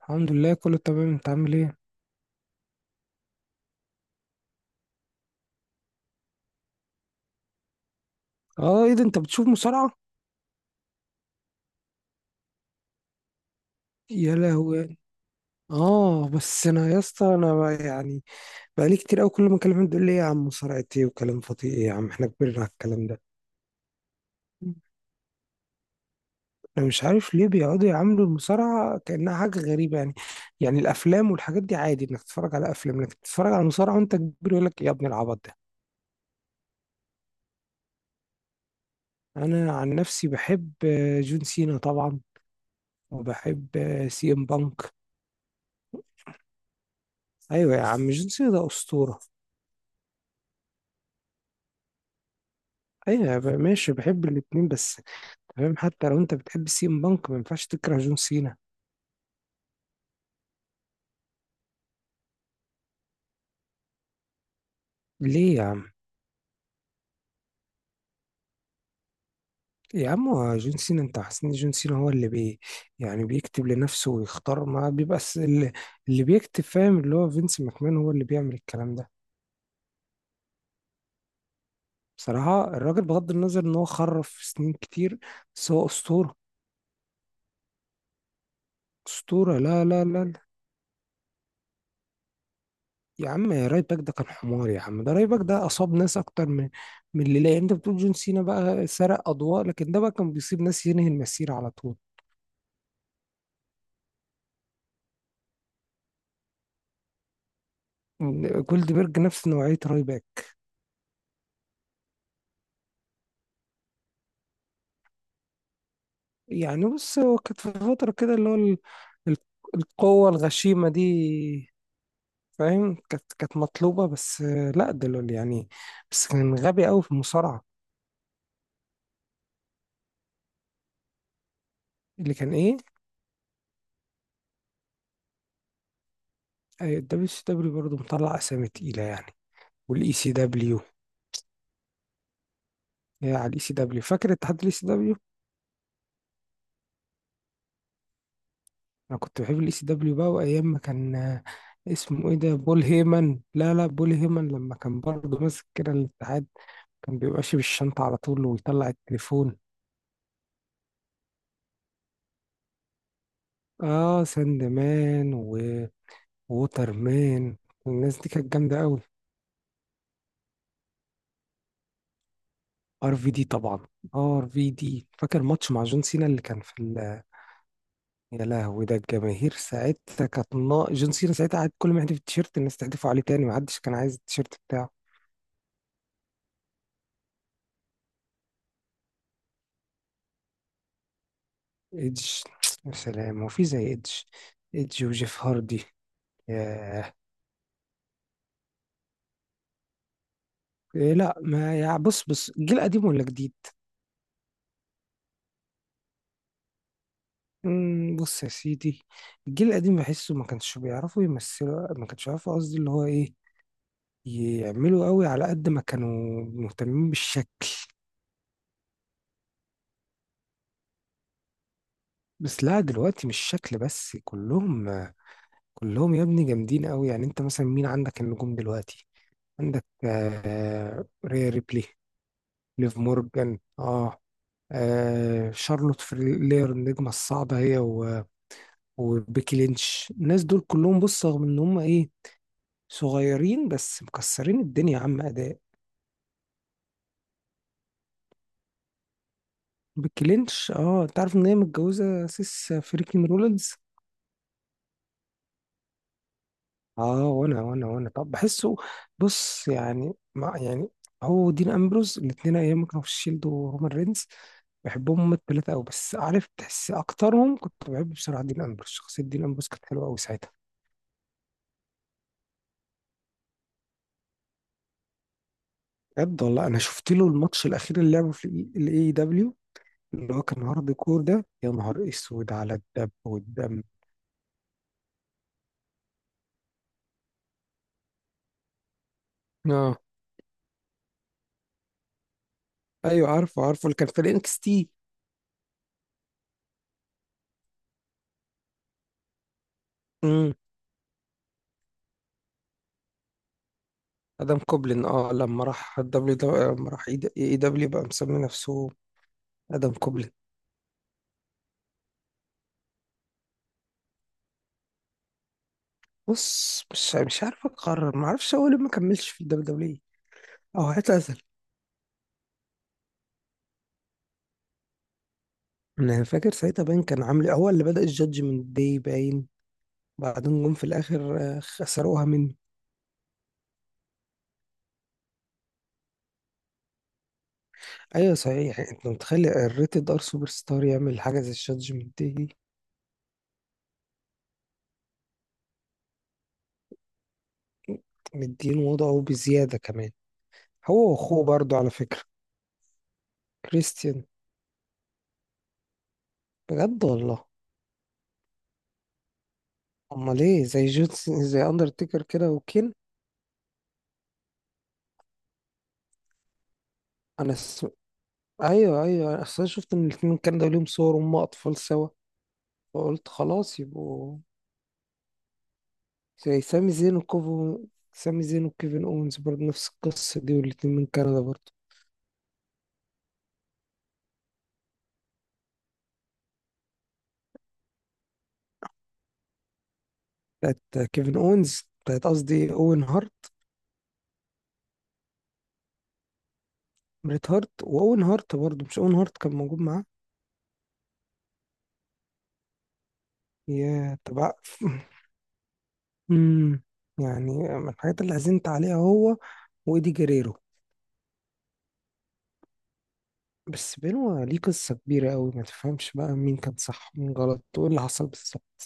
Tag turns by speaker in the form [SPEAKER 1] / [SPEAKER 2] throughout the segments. [SPEAKER 1] الحمد لله كله تمام، انت عامل ايه؟ اه، ايه ده انت بتشوف مصارعة؟ يا لهوي. اه بس انا يا اسطى انا يعني بقالي كتير قوي، كل ما اكلمهم تقول لي ايه يا عم مصارعة، ايه وكلام فاضي، ايه يا عم احنا كبرنا على الكلام ده. انا مش عارف ليه بيقعدوا يعاملوا المصارعة كأنها حاجة غريبة يعني. يعني الافلام والحاجات دي عادي، انك تتفرج على افلام، انك تتفرج على مصارعة وانت كبير يقول لك يا ابن العبط ده. انا عن نفسي بحب جون سينا طبعا، وبحب سي ام بانك. ايوه يا عم، جون سينا ده اسطورة. ايوه ماشي، بحب الاتنين بس. تمام، حتى لو انت بتحب سين بانك ما ينفعش تكره جون سينا. ليه يا عم؟ يا عم هو جون سينا، انت حاسس ان جون سينا هو اللي بي... يعني بيكتب لنفسه ويختار ما بيبقى اللي بيكتب؟ فاهم؟ اللي هو فينس ماكمان هو اللي بيعمل الكلام ده. بصراحة الراجل بغض النظر ان هو خرف سنين كتير بس هو اسطورة. اسطورة، لا لا لا. يا عم رايت باك ده كان حمار يا عم، ده رايت باك ده اصاب ناس اكتر من اللي... لا انت بتقول جون سينا بقى سرق اضواء، لكن ده بقى كان بيصيب ناس ينهي المسيرة على طول. جولدبرج نفس نوعية راي باك. يعني بص، هو كانت في فترة كده اللي هو ال- القوة الغشيمة دي، فاهم؟ كانت مطلوبة، بس لا دلوقتي يعني. بس كان غبي قوي في المصارعة. اللي كان ايه؟ الدبليو سي دبليو برضه مطلع اسامي تقيلة يعني، والاي سي دبليو. يا على الاي سي دبليو، فاكر اتحاد الاي سي دبليو. انا كنت بحب الاي سي دبليو بقى، وايام ما كان اسمه ايه ده بول هيمن؟ لا لا، بول هيمن لما كان برضه ماسك كده الاتحاد، كان بيبقى ماشي بالشنطة على طول ويطلع التليفون. اه ساند مان، ووتر مان، الناس دي كانت جامدة قوي. ار في دي طبعا. ار في دي فاكر ماتش مع جون سينا اللي كان في ال... يا لهوي، ده الجماهير ساعتها كانت نا... جون سينا ساعتها قعد كل ما يحدف التيشيرت الناس تحدفه عليه تاني، ما حدش كان عايز التيشيرت بتاعه. ايدج، يا سلام، هو في زي ايدج؟ ايدج وجيف هاردي. ياه. إيه لا ما، يا بص الجيل قديم ولا جديد؟ بص يا سيدي، الجيل القديم بحسه ما كانش بيعرفوا يمثلوا، ما كانش بيعرفوا قصدي اللي هو ايه يعملوا قوي على قد ما كانوا مهتمين بالشكل. بس لا دلوقتي مش شكل بس، كلهم كلهم يا ابني جامدين قوي، يعني انت مثلا مين عندك النجوم دلوقتي؟ عندك آه ريا ريبلي، ليف مورجان اه، آه شارلوت فلير النجمة الصعبة، هي وبيكي لينش، الناس دول كلهم، بص رغم ان هم ايه صغيرين بس مكسرين الدنيا يا عم اداء. بيكي لينش، اه انت عارف ان هي متجوزة سيس فريكين رولينز؟ اه وانا طب بحسه، بص يعني مع يعني هو دين امبروز الاثنين ايام ما كانوا في الشيلد ورومان رينز، بحبهم هما الثلاثه قوي، بس عارف تحس اكترهم كنت بحب بصراحه دين امبروز. شخصيه دين امبروز كانت حلوه قوي ساعتها. بجد والله، انا شفت له الماتش الاخير اللي لعبه في الاي دبليو، اللي هو كان هارد كور ده، يا نهار اسود على الدب والدم. اه، ايوه عارفه عارفه اللي كان في الانكس تي. امم. ادم كوبلين، اه لما راح الدبليو لما راح اي دبليو بقى مسمي نفسه ادم كوبلين. بص مش عارف اقرر، ما اعرفش هو ليه ما كملش في الدبليو دبليو او اعتزل. انا فاكر ساعتها باين كان عامل هو اللي بدأ الجادجمنت داي باين، بعدين جم في الاخر خسروها منه. ايوه صحيح، انت متخيل الريتد ار سوبر ستار يعمل حاجه زي الشات جي بي تي؟ مدين وضعه بزياده كمان. هو واخوه برضه على فكره، كريستيان. بجد والله؟ امال ايه، زي جونس، زي اندرتيكر كده وكين. انا س... ايوه ايوه، اصل أنا اصلا شفت ان الاثنين كان ده ليهم صور هم اطفال سوا، فقلت خلاص يبقوا زي سامي زين وكوفو. سامي زين وكيفن اونز برضه نفس القصه دي، والاتنين من كندا برضه. بتاعت كيفن اونز، بتاعت قصدي اوين هارت. بريت هارت واون هارت، برضه مش اون هارت كان موجود معاه. يا طب. امم، يعني من الحاجات اللي حزنت عليها هو وايدي جريرو، بس بينه ليه قصة كبيرة قوي، ما تفهمش بقى مين كان صح ومين غلط وايه اللي حصل بالظبط.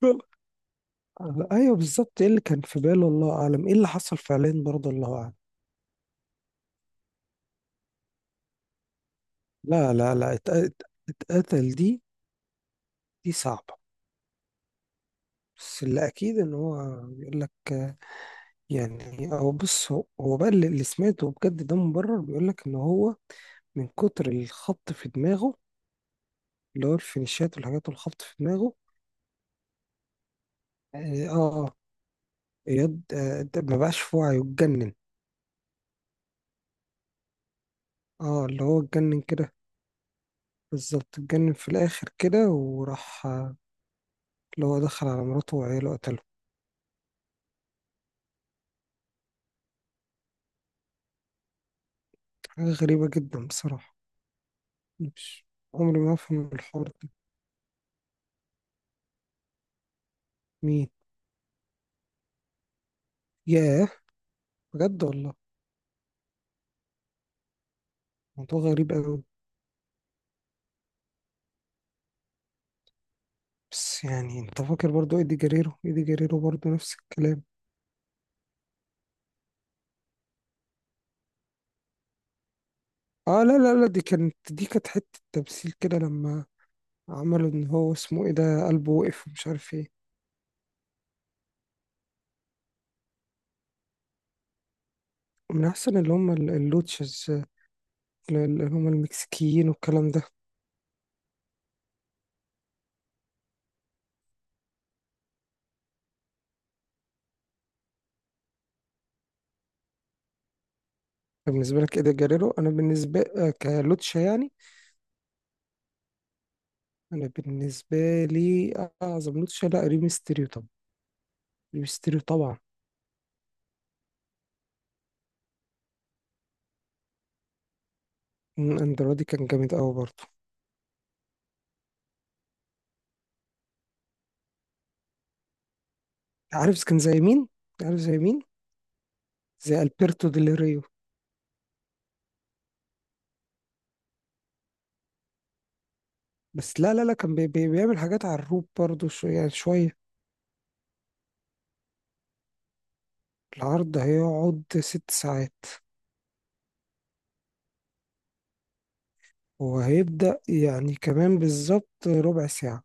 [SPEAKER 1] لا، ايوه بالظبط، ايه اللي كان في باله الله اعلم، ايه اللي حصل فعليا برضه الله اعلم. لا لا لا، اتقتل. دي دي صعبة. بس اللي اكيد ان هو، يقول لك يعني، هو بص هو بقى اللي سمعته بجد ده مبرر، بيقول لك ان هو من كتر الخبط في دماغه، اللي هو الفينيشات والحاجات والخبط في دماغه. اه. اه. آه ده ما بقاش في وعيه، اتجنن. اه اللي هو اتجنن كده، بالظبط اتجنن في الاخر كده وراح اللي هو دخل على مراته وعياله قتله. حاجة غريبة جدا بصراحة. مش... عمري ما افهم الحوار ده. مين؟ ياه. بجد والله؟ موضوع غريب أوي. بس يعني انت فاكر برضو ايدي جريرو، ايدي جريرو برضو نفس الكلام. اه لا لا لا، دي كانت حتة تمثيل كده لما عملوا ان هو اسمه ايه ده قلبه وقف ومش عارف ايه. من احسن اللي هم اللوتشز، اللي هم المكسيكيين والكلام ده. بالنسبة لك ايدي جريرو، انا بالنسبة كلوتشا يعني. انا بالنسبة لي اعظم لوتشا لا ريمستيريو طبعا. ريمستيريو طبعا. اندرادي كان جامد قوي برضو. عارف كان زي مين؟ عارف زي مين؟ زي البرتو ديل ريو. بس لا لا لا، كان بي بي بيعمل حاجات على الروب برضو، شو يعني شوية. العرض هيقعد 6 ساعات، وهيبدأ يعني كمان بالظبط ربع ساعة.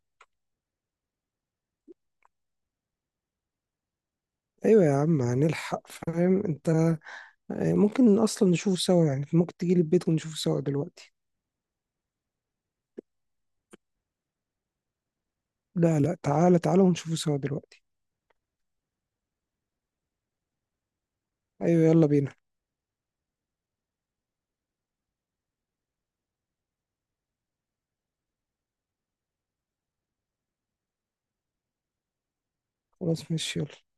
[SPEAKER 1] أيوة يا عم هنلحق فاهم أنت، ممكن أصلا نشوفه سوا يعني، ممكن تجيلي البيت ونشوفه سوا دلوقتي. لا لا تعالى تعالى ونشوفه سوا دلوقتي. أيوة يلا بينا. خلاص ماشي يلا.